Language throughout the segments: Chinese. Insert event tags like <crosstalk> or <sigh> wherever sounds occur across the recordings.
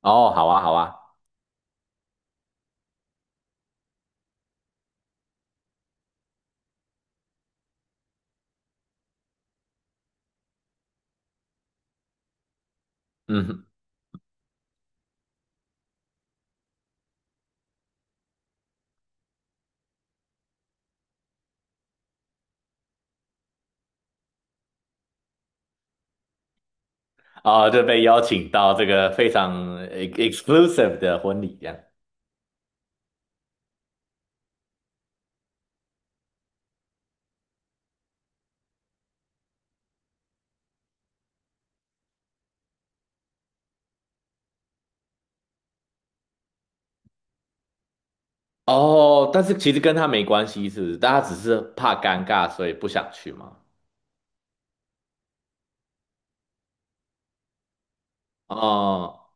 哦，好啊，好啊。嗯。哦，就被邀请到这个非常 ex exclusive 的婚礼这样。哦，但是其实跟他没关系，是不是？大家只是怕尴尬，所以不想去嘛。哦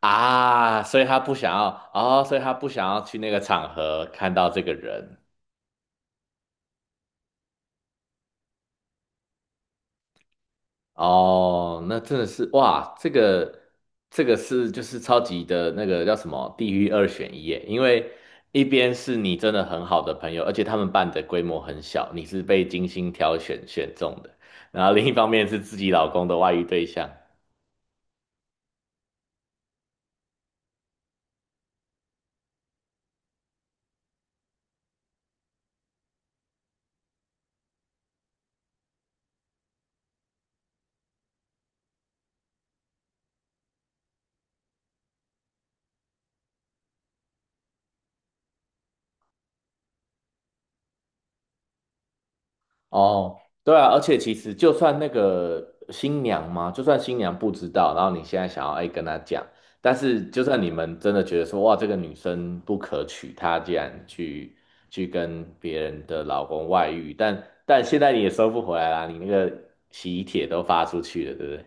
啊，所以他不想要，哦，所以他不想要去那个场合看到这个人。哦，那真的是哇，这个是就是超级的那个叫什么地狱二选一耶，因为一边是你真的很好的朋友，而且他们办的规模很小，你是被精心挑选选中的，然后另一方面是自己老公的外遇对象。哦，对啊，而且其实就算那个新娘嘛，就算新娘不知道，然后你现在想要哎跟她讲，但是就算你们真的觉得说哇这个女生不可取，她竟然去跟别人的老公外遇，但现在你也收不回来啦，你那个喜帖都发出去了，对不对？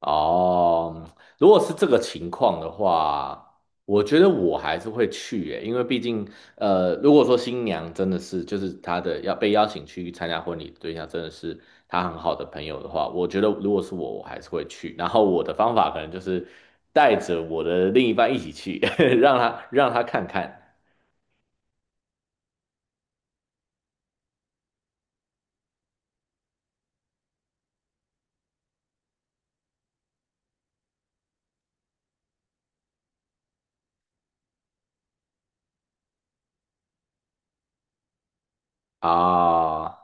哦，如果是这个情况的话，我觉得我还是会去耶，因为毕竟，如果说新娘真的是就是她的要被邀请去参加婚礼的对象真的是她很好的朋友的话，我觉得如果是我，我还是会去。然后我的方法可能就是带着我的另一半一起去，<laughs> 让他看看啊，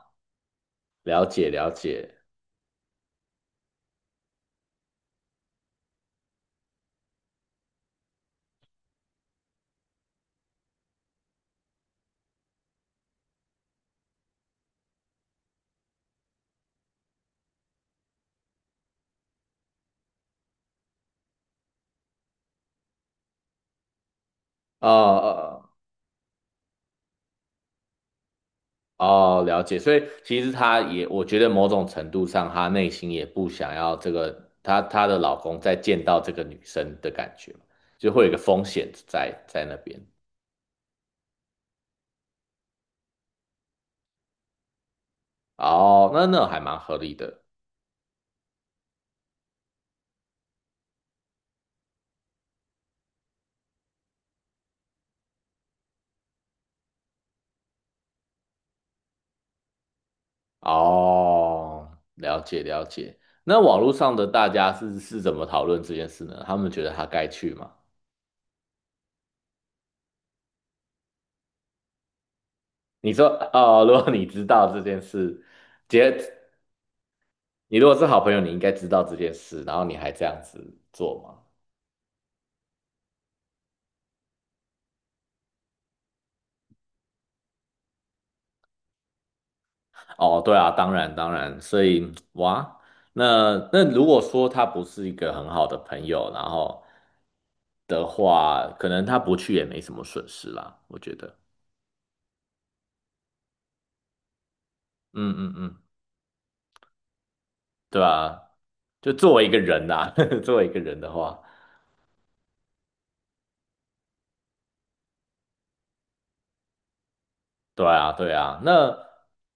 了解了解。哦。哦哦哦，了解。所以其实她也，我觉得某种程度上，她内心也不想要这个，她老公再见到这个女生的感觉就会有一个风险在那边。哦，那那还蛮合理的。哦，了解了解。那网络上的大家是怎么讨论这件事呢？他们觉得她该去吗？你说，哦，如果你知道这件事，姐，你如果是好朋友，你应该知道这件事，然后你还这样子做吗？哦，对啊，当然当然，所以哇，那那如果说他不是一个很好的朋友，然后的话，可能他不去也没什么损失啦，我觉得，嗯嗯嗯，对啊，就作为一个人呐、<laughs> 作为一个人的话，对啊对啊，那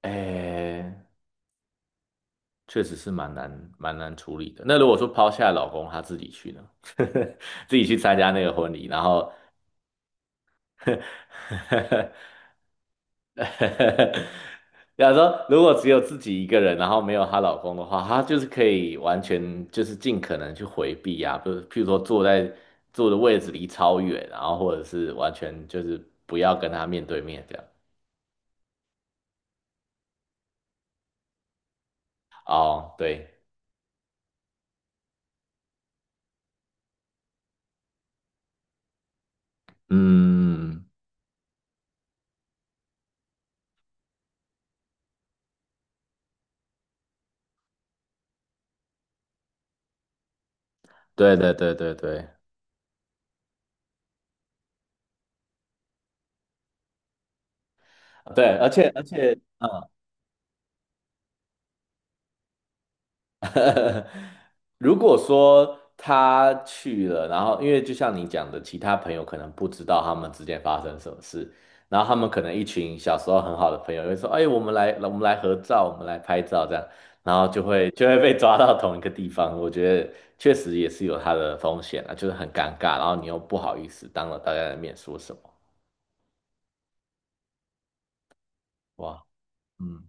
诶，确实是蛮难蛮难处理的。那如果说抛下老公，他自己去呢，<laughs> 自己去参加那个婚礼，然后 <laughs> <laughs> 假如说，如果只有自己一个人，然后没有她老公的话，她就是可以完全就是尽可能去回避啊，不是，譬如说坐的位置离超远，然后或者是完全就是不要跟她面对面这样。哦，对，嗯，对对对对对对，而且，嗯，<laughs> 如果说他去了，然后因为就像你讲的，其他朋友可能不知道他们之间发生什么事，然后他们可能一群小时候很好的朋友会说："哎，我们来，我们来合照，我们来拍照，这样。"然后就会被抓到同一个地方。我觉得确实也是有它的风险啊，就是很尴尬，然后你又不好意思当着大家的面说什么。哇，嗯。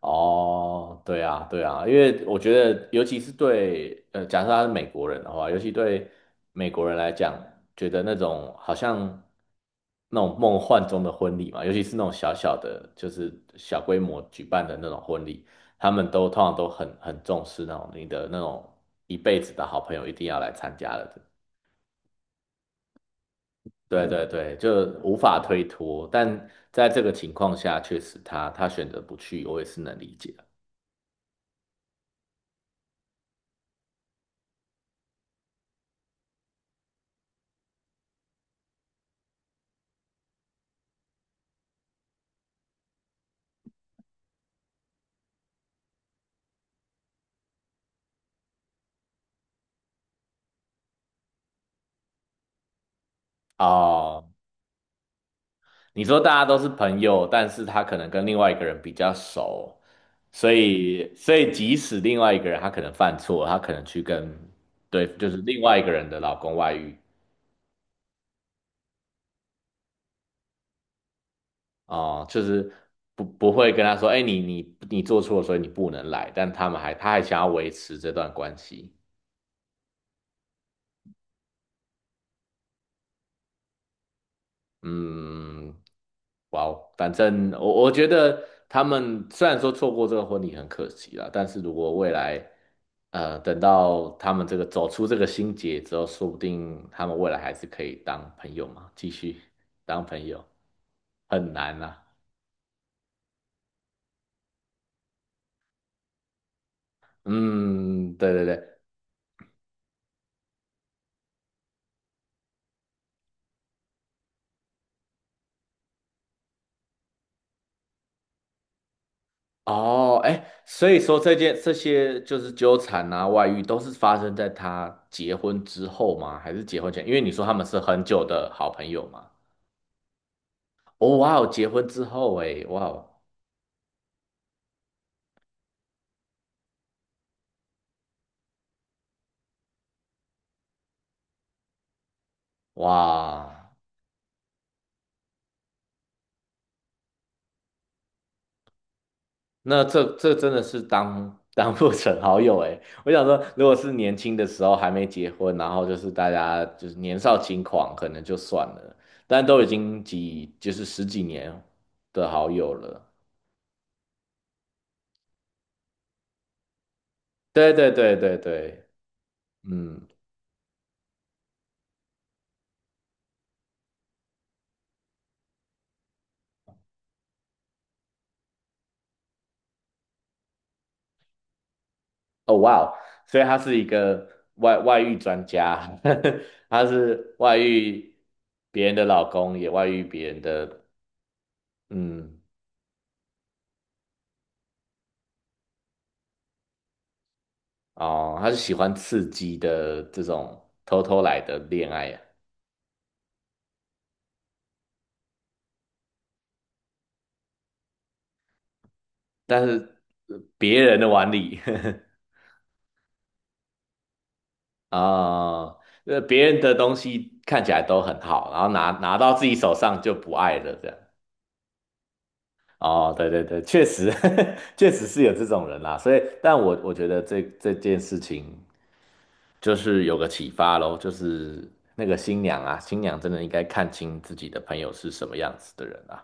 哦，对啊，对啊，因为我觉得，尤其是对，假设他是美国人的话，尤其对美国人来讲，觉得那种好像那种梦幻中的婚礼嘛，尤其是那种小小的，就是小规模举办的那种婚礼，他们都通常都很重视那种你的那种一辈子的好朋友一定要来参加的，对对对，就无法推脱。但在这个情况下，确实他选择不去，我也是能理解的。哦，你说大家都是朋友，但是他可能跟另外一个人比较熟，所以即使另外一个人他可能犯错，他可能去跟对，就是另外一个人的老公外遇哦、就是不会跟他说，哎，你做错了，所以你不能来，但他们还他还想要维持这段关系。嗯，哇哦，反正我觉得他们虽然说错过这个婚礼很可惜啦，但是如果未来，等到他们这个走出这个心结之后，说不定他们未来还是可以当朋友嘛，继续当朋友，很难啦。嗯，对对对，哦，哎，所以说这些就是纠缠啊、外遇都是发生在他结婚之后吗？还是结婚前？因为你说他们是很久的好朋友嘛。哦，哇哦，结婚之后哎，哇哦，哇，那这这真的是当 <laughs> 当不成好友哎。我想说，如果是年轻的时候还没结婚，然后就是大家就是年少轻狂，可能就算了，但都已经几就是十几年的好友了。对对对对对，嗯，哦哇哦，所以他是一个外遇专家，<laughs> 他是外遇别人的老公，也外遇别人的，嗯。哦，他是喜欢刺激的这种偷偷来的恋爱啊，但是别人的碗里 <laughs>，啊，别人的东西看起来都很好，然后拿到自己手上就不爱了，这样。哦，对对对，确实，<laughs> 确实是有这种人啦，所以，但我觉得这件事情就是有个启发咯，就是那个新娘啊，新娘真的应该看清自己的朋友是什么样子的人啊，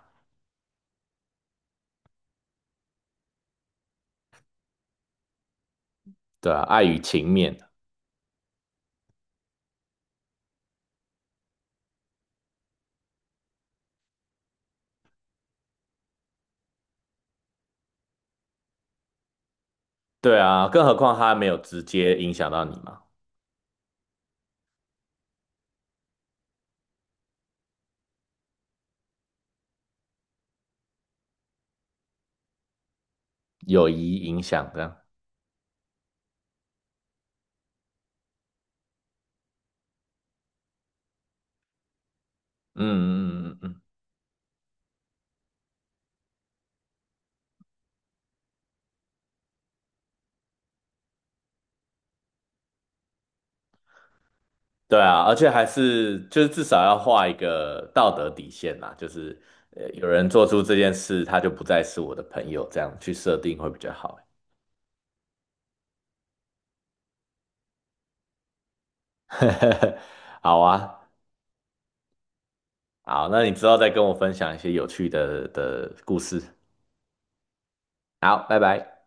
对啊，爱与情面啊。对啊，更何况他没有直接影响到你嘛，友谊影响这样。嗯嗯嗯嗯嗯，对啊，而且还是就是至少要画一个道德底线啦，就是有人做出这件事，他就不再是我的朋友，这样去设定会比较好。<laughs> 好啊，好，那你之后再跟我分享一些有趣的的故事。好，拜拜。